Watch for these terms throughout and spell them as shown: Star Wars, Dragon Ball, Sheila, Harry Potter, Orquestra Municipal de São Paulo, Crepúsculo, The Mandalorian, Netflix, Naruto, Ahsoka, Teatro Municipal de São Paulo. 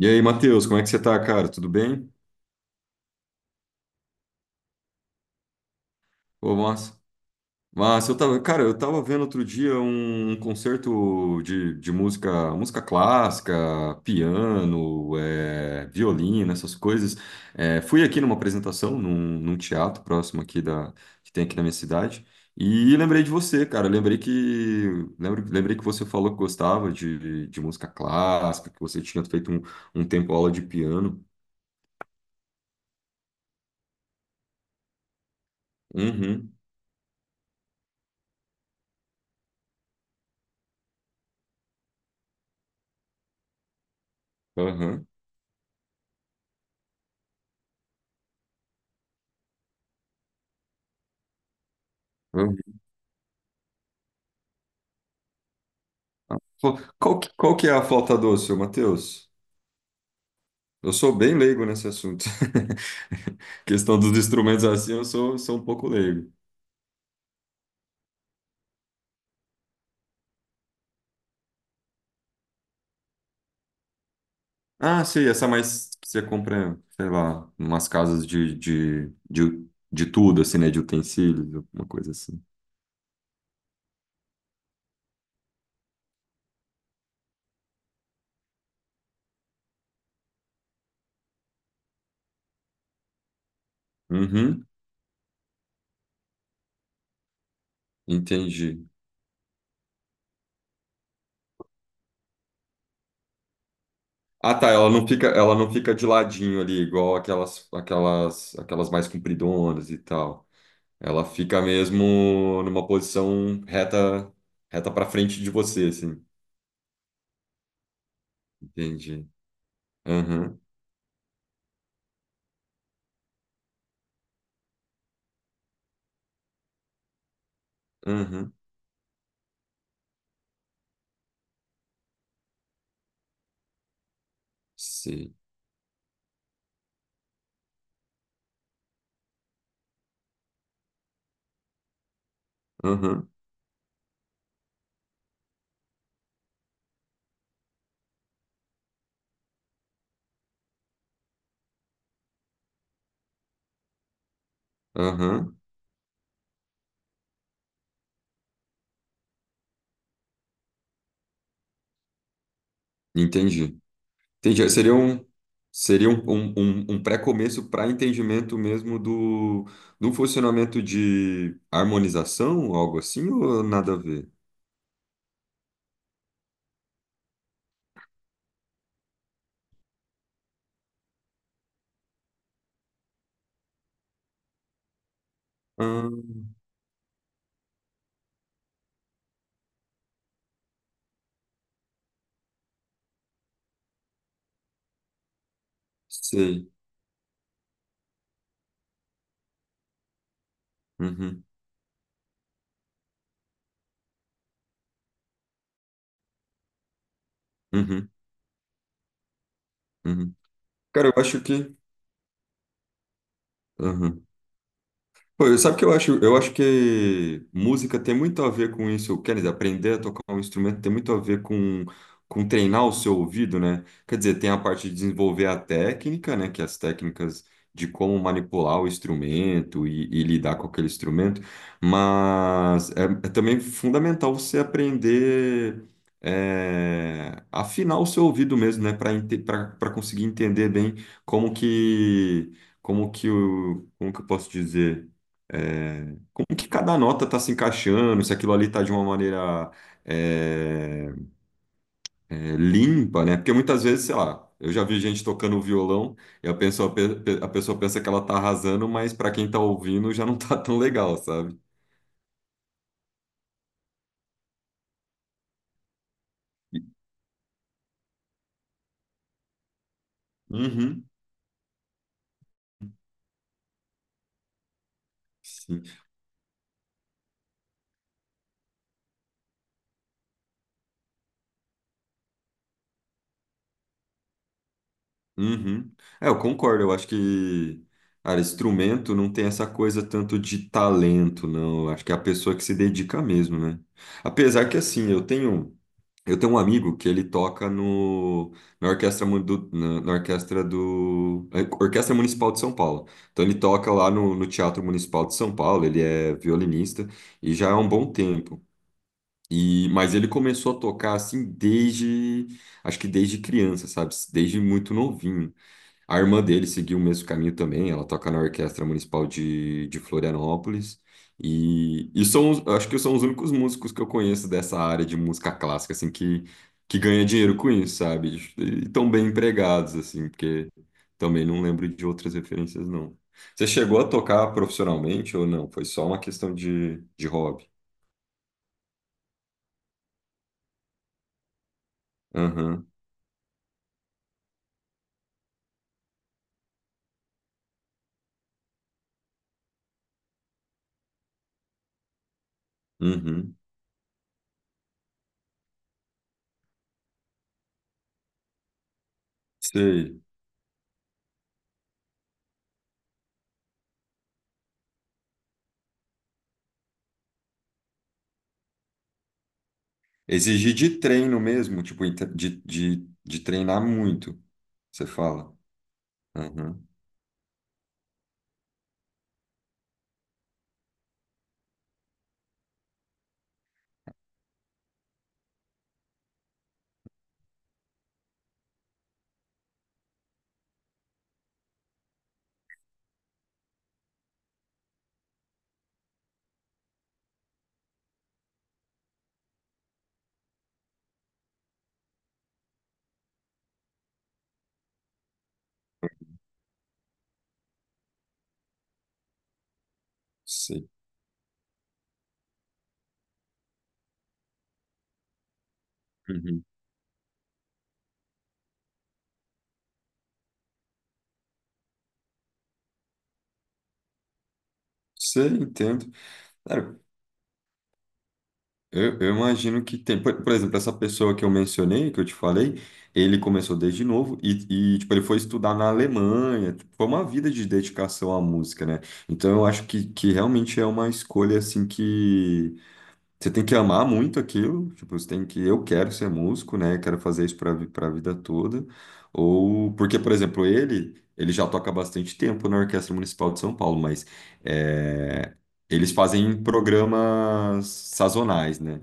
E aí, Matheus, como é que você tá, cara? Tudo bem? Ô, massa. Massa, eu tava, cara, eu tava vendo outro dia um concerto de música, música clássica, piano, violino, essas coisas. É, fui aqui numa apresentação, num teatro próximo aqui da, que tem aqui na minha cidade, e lembrei de você, cara. Lembrei que, lembrei que você falou que gostava de música clássica, que você tinha feito um tempo aula de piano. Uhum, aham. Qual que é a flauta doce, ô Matheus? Eu sou bem leigo nesse assunto. Questão dos instrumentos assim, sou um pouco leigo. Ah, sei, essa mais que você compra, sei lá, umas casas de tudo, assim, né? De utensílios, alguma coisa assim. Uhum, entendi. Ah, tá, ela não fica de ladinho ali, igual aquelas mais compridonas e tal. Ela fica mesmo numa posição reta, reta para frente de você, assim. Entendi. Aham, aham, sei. Aham, aham, entendi. Entendi. Seria um, um pré-começo para entendimento mesmo do, do funcionamento de harmonização, algo assim, ou nada a ver? Ah, sei. Uhum, uhum, uhum. Cara, eu acho que. Aham. Pô, sabe que eu acho? Eu acho que música tem muito a ver com isso. Quer dizer, aprender a tocar um instrumento tem muito a ver com treinar o seu ouvido, né? Quer dizer, tem a parte de desenvolver a técnica, né? Que é as técnicas de como manipular o instrumento e lidar com aquele instrumento. Mas é, é também fundamental você aprender afinar o seu ouvido mesmo, né? Para para conseguir entender bem como que como que o como que eu posso dizer é, como que cada nota está se encaixando, se aquilo ali está de uma maneira é, é, limpa, né? Porque muitas vezes, sei lá, eu já vi gente tocando violão e a pessoa, a pessoa pensa que ela tá arrasando, mas para quem tá ouvindo já não tá tão legal, sabe? Uhum. Sim. Uhum. É, eu concordo. Eu acho que, cara, instrumento não tem essa coisa tanto de talento, não. Eu acho que é a pessoa que se dedica mesmo, né? Apesar que, assim, eu tenho um amigo que ele toca no, na orquestra, na orquestra do, Orquestra Municipal de São Paulo. Então, ele toca lá no, no Teatro Municipal de São Paulo. Ele é violinista e já há um bom tempo. E, mas ele começou a tocar assim desde, acho que desde criança, sabe? Desde muito novinho. A irmã dele seguiu o mesmo caminho também, ela toca na Orquestra Municipal de Florianópolis. E são, acho que são os únicos músicos que eu conheço dessa área de música clássica, assim, que ganha dinheiro com isso, sabe? E tão bem empregados, assim, porque também não lembro de outras referências, não. Você chegou a tocar profissionalmente ou não? Foi só uma questão de hobby? Aham, uhum, sei. Exigir de treino mesmo, tipo, de treinar muito, você fala. Aham, sei. Uhum. Sei, entendo. Cara, eu imagino que tem. Por exemplo, essa pessoa que eu mencionei, que eu te falei, ele começou desde novo e, tipo, ele foi estudar na Alemanha. Tipo, foi uma vida de dedicação à música, né? Então eu acho que realmente é uma escolha assim que. Você tem que amar muito aquilo, tipo, você tem que, eu quero ser músico, né? Quero fazer isso para para a vida toda. Ou porque, por exemplo, ele já toca há bastante tempo na Orquestra Municipal de São Paulo, mas é, eles fazem programas sazonais, né?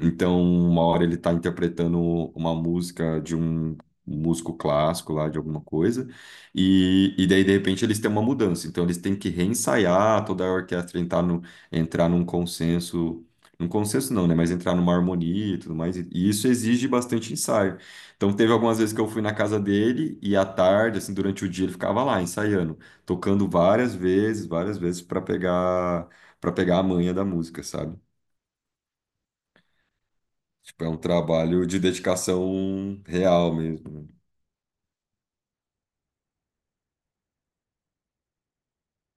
Então, uma hora ele está interpretando uma música de um músico clássico lá de alguma coisa, e daí de repente eles têm uma mudança, então eles têm que reensaiar toda a orquestra entrar no, entrar num consenso um consenso não, né? Mas entrar numa harmonia e tudo mais. E isso exige bastante ensaio. Então, teve algumas vezes que eu fui na casa dele e à tarde, assim, durante o dia, ele ficava lá ensaiando, tocando várias vezes para pegar a manha da música, sabe? Tipo, é um trabalho de dedicação real mesmo. Né?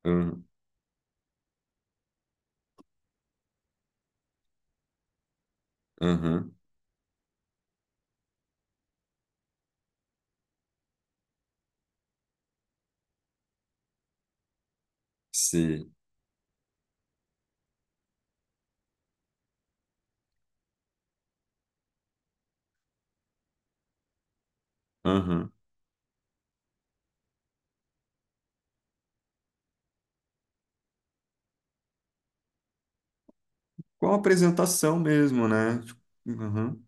Aham, aham, sim, aham. Com a apresentação mesmo, né? Tipo, Aham.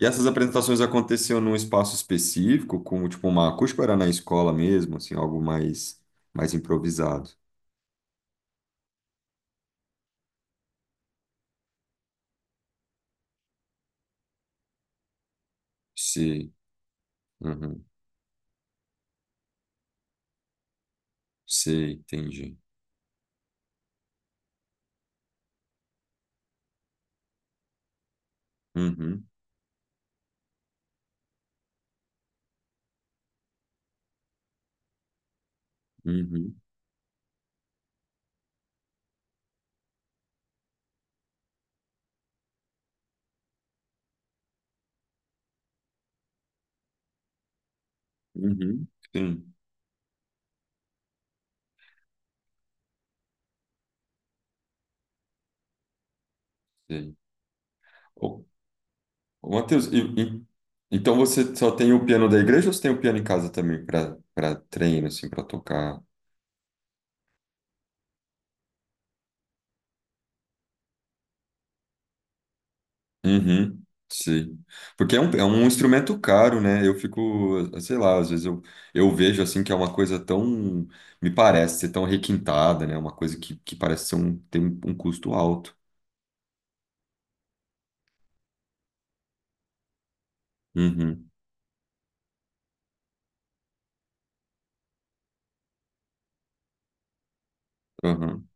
E essas apresentações aconteciam num espaço específico, como tipo uma acústica, ou era na escola mesmo, assim, algo mais mais improvisado. Sim, uhum, sim, entendi. Uhum, uhum, uhum, sim, sim. Ô, ô, Matheus, então você só tem o piano da igreja ou você tem o piano em casa também para para treino, assim, para tocar? Uhum, sim. Porque é um instrumento caro, né? Eu fico, sei lá, às vezes eu vejo assim que é uma coisa tão, me parece ser tão requintada, né? Uma coisa que parece ser um, tem um, um custo alto. Uhum, uhum.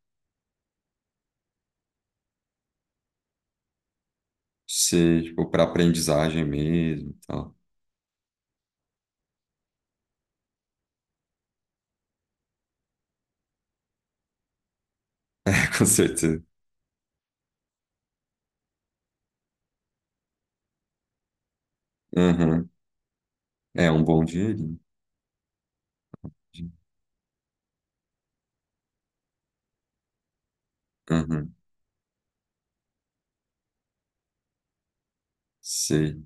Sei, tipo, para aprendizagem mesmo, e tal. Com certeza. Uhum. É um bom dinheirinho. Uhum. Sei.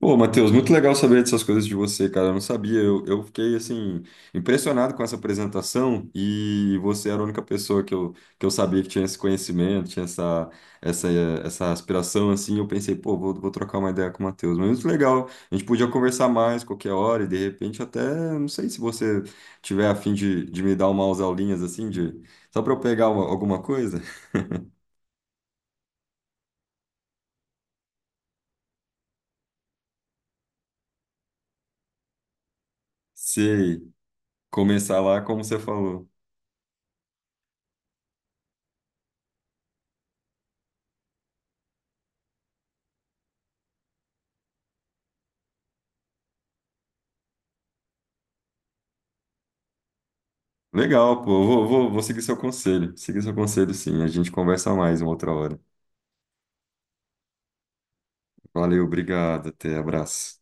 Pô, Matheus, muito legal saber dessas coisas de você, cara. Eu não sabia. Eu fiquei, assim, impressionado com essa apresentação e você era a única pessoa que eu sabia que tinha esse conhecimento, tinha essa, essa, essa aspiração, assim. Eu pensei, pô, vou, vou trocar uma ideia com o Matheus. Mas muito legal. A gente podia conversar mais qualquer hora e, de repente, até, não sei se você tiver a fim de me dar umas aulinhas, assim, de, só para eu pegar alguma coisa. Sei, começar lá como você falou. Legal, pô. Eu Vou, vou, vou seguir seu conselho. Seguir seu conselho, sim. A gente conversa mais uma outra hora. Valeu, obrigado. Até, abraço.